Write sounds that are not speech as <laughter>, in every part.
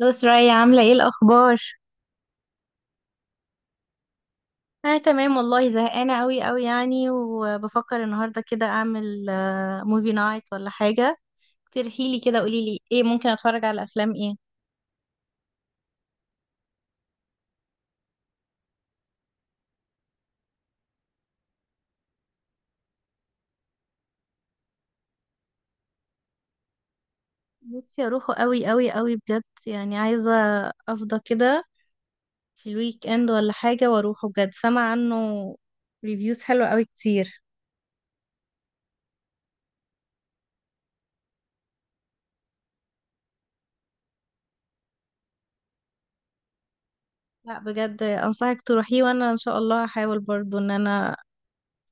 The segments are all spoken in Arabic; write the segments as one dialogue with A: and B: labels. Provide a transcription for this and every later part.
A: لو سرايا عاملة ايه الأخبار؟ أنا تمام والله، زهقانة أوي أوي يعني، وبفكر النهاردة كده أعمل موفي نايت ولا حاجة. اقترحيلي كده، قوليلي ايه ممكن أتفرج على أفلام ايه؟ نفسي أروحه أوي أوي أوي بجد، يعني عايزة أفضى كده في الويك إند ولا حاجة وأروحه بجد، سامع عنه ريفيوز حلوة أوي كتير. لا بجد أنصحك تروحيه، وأنا إن شاء الله هحاول برضو إن أنا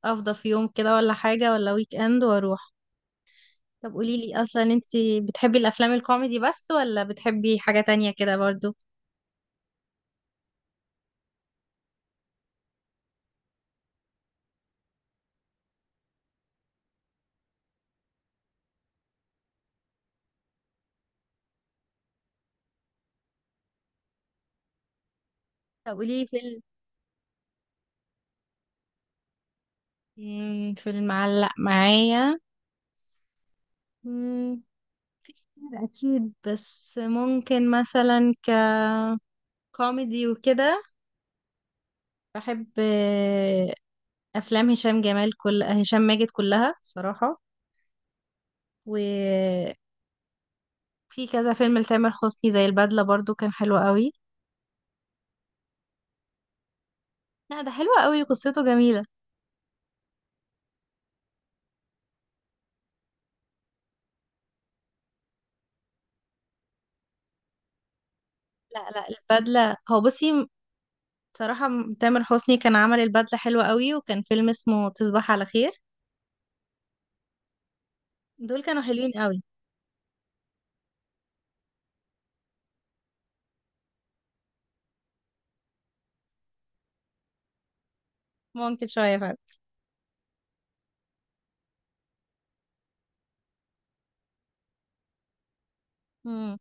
A: أفضى في يوم كده ولا حاجة ولا ويك إند وأروح. طب قولي لي اصلا انت بتحبي الافلام الكوميدي بس ولا بتحبي حاجة تانية كده برضو؟ طب قولي لي فيلم. فيلم معلق معايا. مم، في كتير اكيد، بس ممكن مثلا ككوميدي وكده بحب افلام هشام جمال، كل هشام ماجد كلها صراحة. وفي كذا فيلم لتامر حسني زي البدلة برضو، كان حلو قوي. لا ده حلو قوي، قصته جميلة. لا البدلة، هو بصي صراحة، تامر حسني كان عمل البدلة حلوة قوي، وكان فيلم اسمه تصبح على خير. دول كانوا حلوين قوي. ممكن شوية فعلا. مم.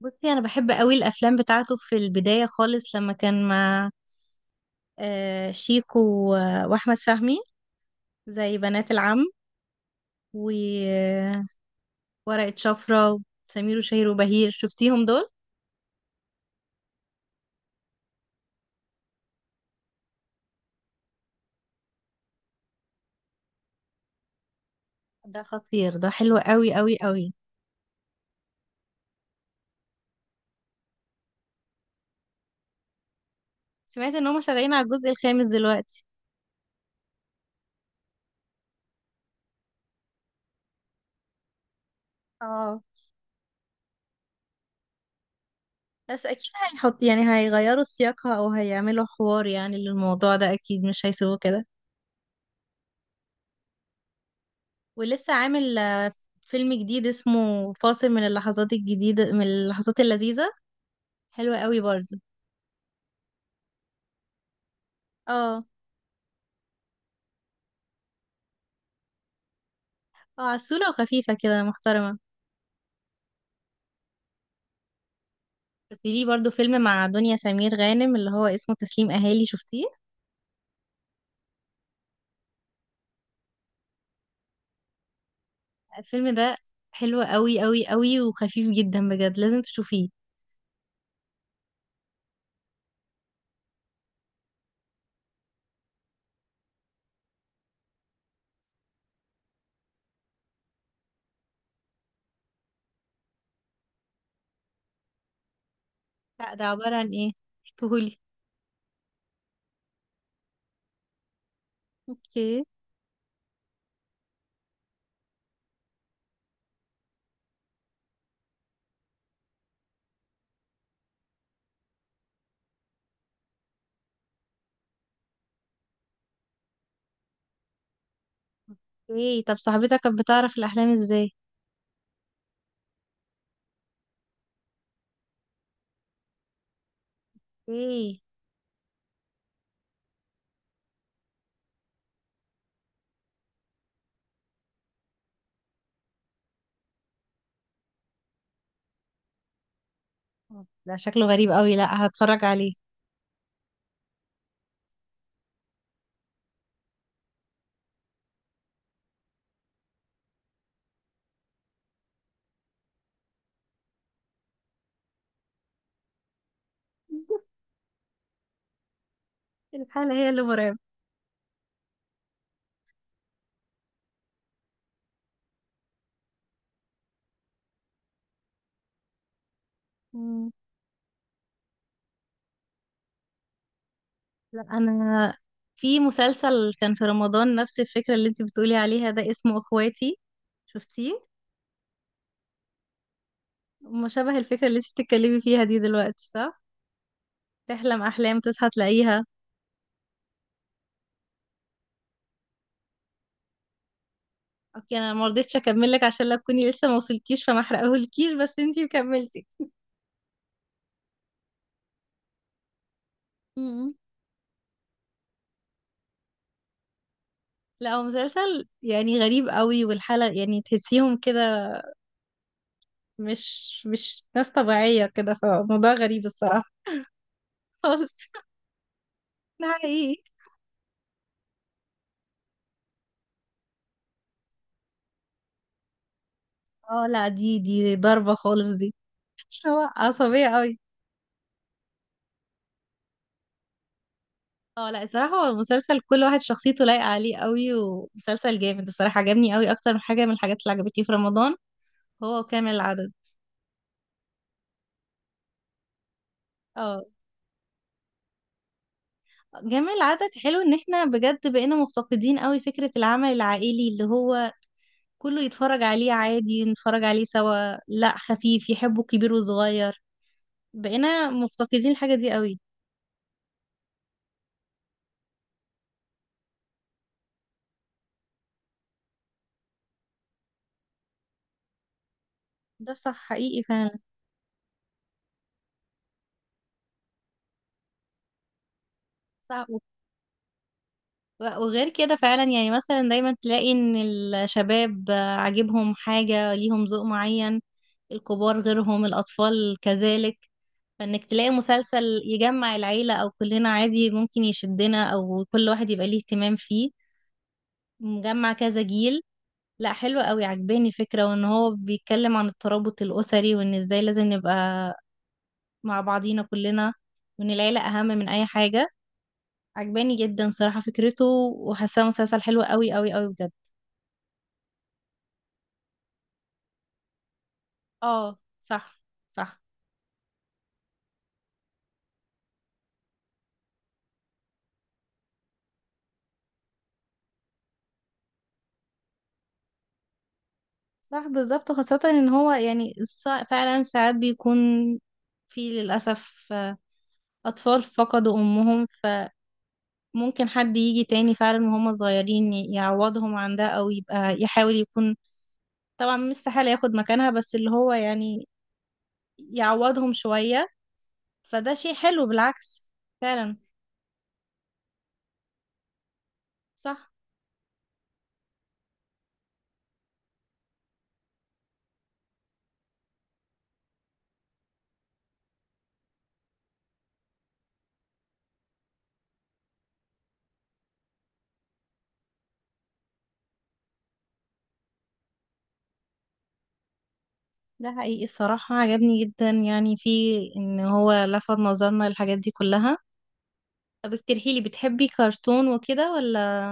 A: بصي أنا بحب قوي الأفلام بتاعته في البداية خالص، لما كان مع شيكو و- وأحمد فهمي، زي بنات العم وورقة شفرة وسمير وشهير وبهير. شفتيهم دول؟ ده خطير، ده حلو قوي قوي قوي. سمعت ان هم شغالين على الجزء الخامس دلوقتي. اه، بس اكيد هيحط يعني هيغيروا سياقها او هيعملوا حوار يعني للموضوع ده، اكيد مش هيسيبوه كده. ولسه عامل فيلم جديد اسمه فاصل من اللحظات الجديدة من اللحظات اللذيذة، حلوة قوي برضو. اه. اه، عسولة وخفيفة كده، محترمة. بس ليه برضو فيلم مع دنيا سمير غانم، اللي هو اسمه تسليم اهالي. شفتيه؟ الفيلم ده حلو قوي قوي قوي وخفيف جدا بجد، لازم تشوفيه. لا ده عبارة عن ايه؟ احكيهولي. اوكي. ايه طب صاحبتك كانت بتعرف الاحلام ازاي؟ ايه. ده شكله غريب قوي، لا هتفرج عليه. <laughs> الحالة هي اللي مرعبة. مم. لا انا في مسلسل كان في رمضان نفس الفكرة اللي انت بتقولي عليها ده، اسمه اخواتي. شفتيه؟ مشابه الفكرة اللي انت بتتكلمي فيها دي دلوقتي، صح؟ تحلم احلام تصحى تلاقيها. اوكي انا ما رضيتش اكمل لك، عشان لا تكوني لسه ما وصلتيش فما احرقهولكيش، بس انت كملتي. مم. لا هو مسلسل يعني غريب قوي، والحلقة يعني تحسيهم كده مش ناس طبيعية كده، فموضوع غريب الصراحة. خالص. <laughs> ده حقيقي. اه، لا دي ضربة خالص دي. <laughs> هو عصبية قوي. اه، لا الصراحة هو المسلسل كل واحد شخصيته لايقة عليه قوي، ومسلسل جامد الصراحة، عجبني قوي أكتر من حاجة من الحاجات اللي عجبتني في رمضان. هو كامل العدد. اه، جامع العدد حلو، ان احنا بجد بقينا مفتقدين قوي فكرة العمل العائلي اللي هو كله يتفرج عليه عادي، نتفرج عليه سوا، لا خفيف يحبه كبير وصغير. بقينا مفتقدين الحاجة دي قوي. ده صح، حقيقي فعلا. صح. وغير كده فعلا يعني مثلا دايما تلاقي ان الشباب عاجبهم حاجة ليهم ذوق معين، الكبار غيرهم، الأطفال كذلك. فإنك تلاقي مسلسل يجمع العيلة أو كلنا عادي، ممكن يشدنا أو كل واحد يبقى ليه اهتمام فيه، مجمع كذا جيل. لا حلو قوي، عجباني فكرة وإن هو بيتكلم عن الترابط الأسري، وإن إزاي لازم نبقى مع بعضينا كلنا، وإن العيلة أهم من أي حاجة. عجباني جدا صراحة فكرته، وحاساه مسلسل حلو قوي قوي قوي بجد. اه صح. صح. صح، بالظبط. خاصة ان هو يعني فعلا ساعات بيكون في للأسف أطفال فقدوا أمهم، فممكن حد يجي تاني فعلا وهم صغيرين يعوضهم عن ده أو يبقى يحاول يكون، طبعا مستحيل ياخد مكانها، بس اللي هو يعني يعوضهم شوية. فده شيء حلو بالعكس فعلا. صح. ده حقيقي الصراحة، عجبني جدا يعني في إن هو لفت نظرنا للحاجات دي كلها. طب اقترحي لي، بتحبي كرتون وكده ولا؟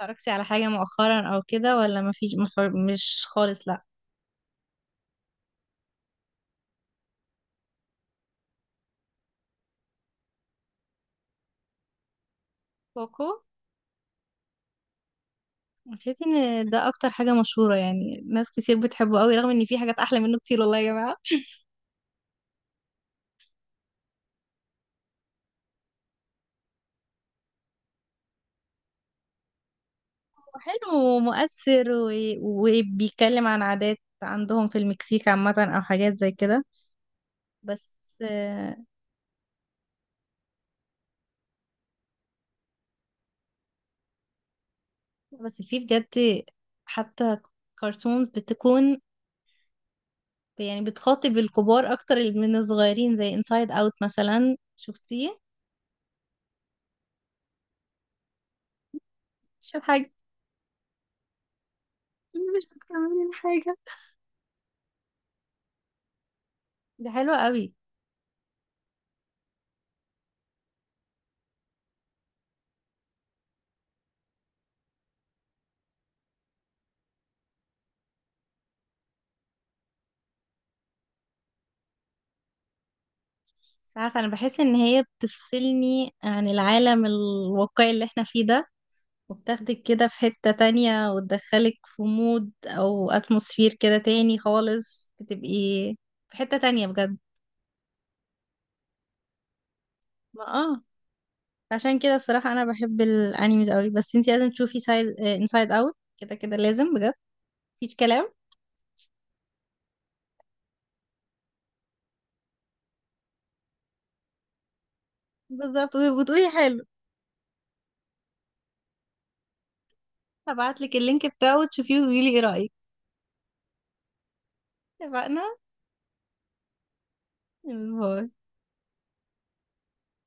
A: اتفرجتي على حاجة مؤخرا او كده ولا ما فيش؟ مش خالص، لا. كوكو. تحسي ان ده اكتر حاجة مشهورة، يعني ناس كتير بتحبه قوي رغم ان في حاجات احلى منه كتير والله يا جماعة. هو حلو ومؤثر، و... وبيتكلم عن عادات عندهم في المكسيك عامة او حاجات زي كده. بس، بس في بجد حتى كرتونز بتكون يعني بتخاطب الكبار اكتر من الصغيرين، زي انسايد اوت مثلا. شفتيه؟ اشرب حاجة، مش بتكملي حاجة. دي حلوة قوي. مش عارفة، انا بحس ان هي بتفصلني عن العالم الواقعي اللي احنا فيه ده، وبتاخدك كده في حتة تانية وتدخلك في مود او اتموسفير كده تاني خالص، بتبقي في حتة تانية بجد. ما اه، عشان كده الصراحة انا بحب الانيميز قوي، بس انتي لازم تشوفي سايد انسايد اوت، كده كده لازم بجد، مفيش كلام. بالظبط، وتقولي حلو. هبعتلك اللينك بتاعه وتشوفيه وتقولي ايه رأيك. اتفقنا. باي.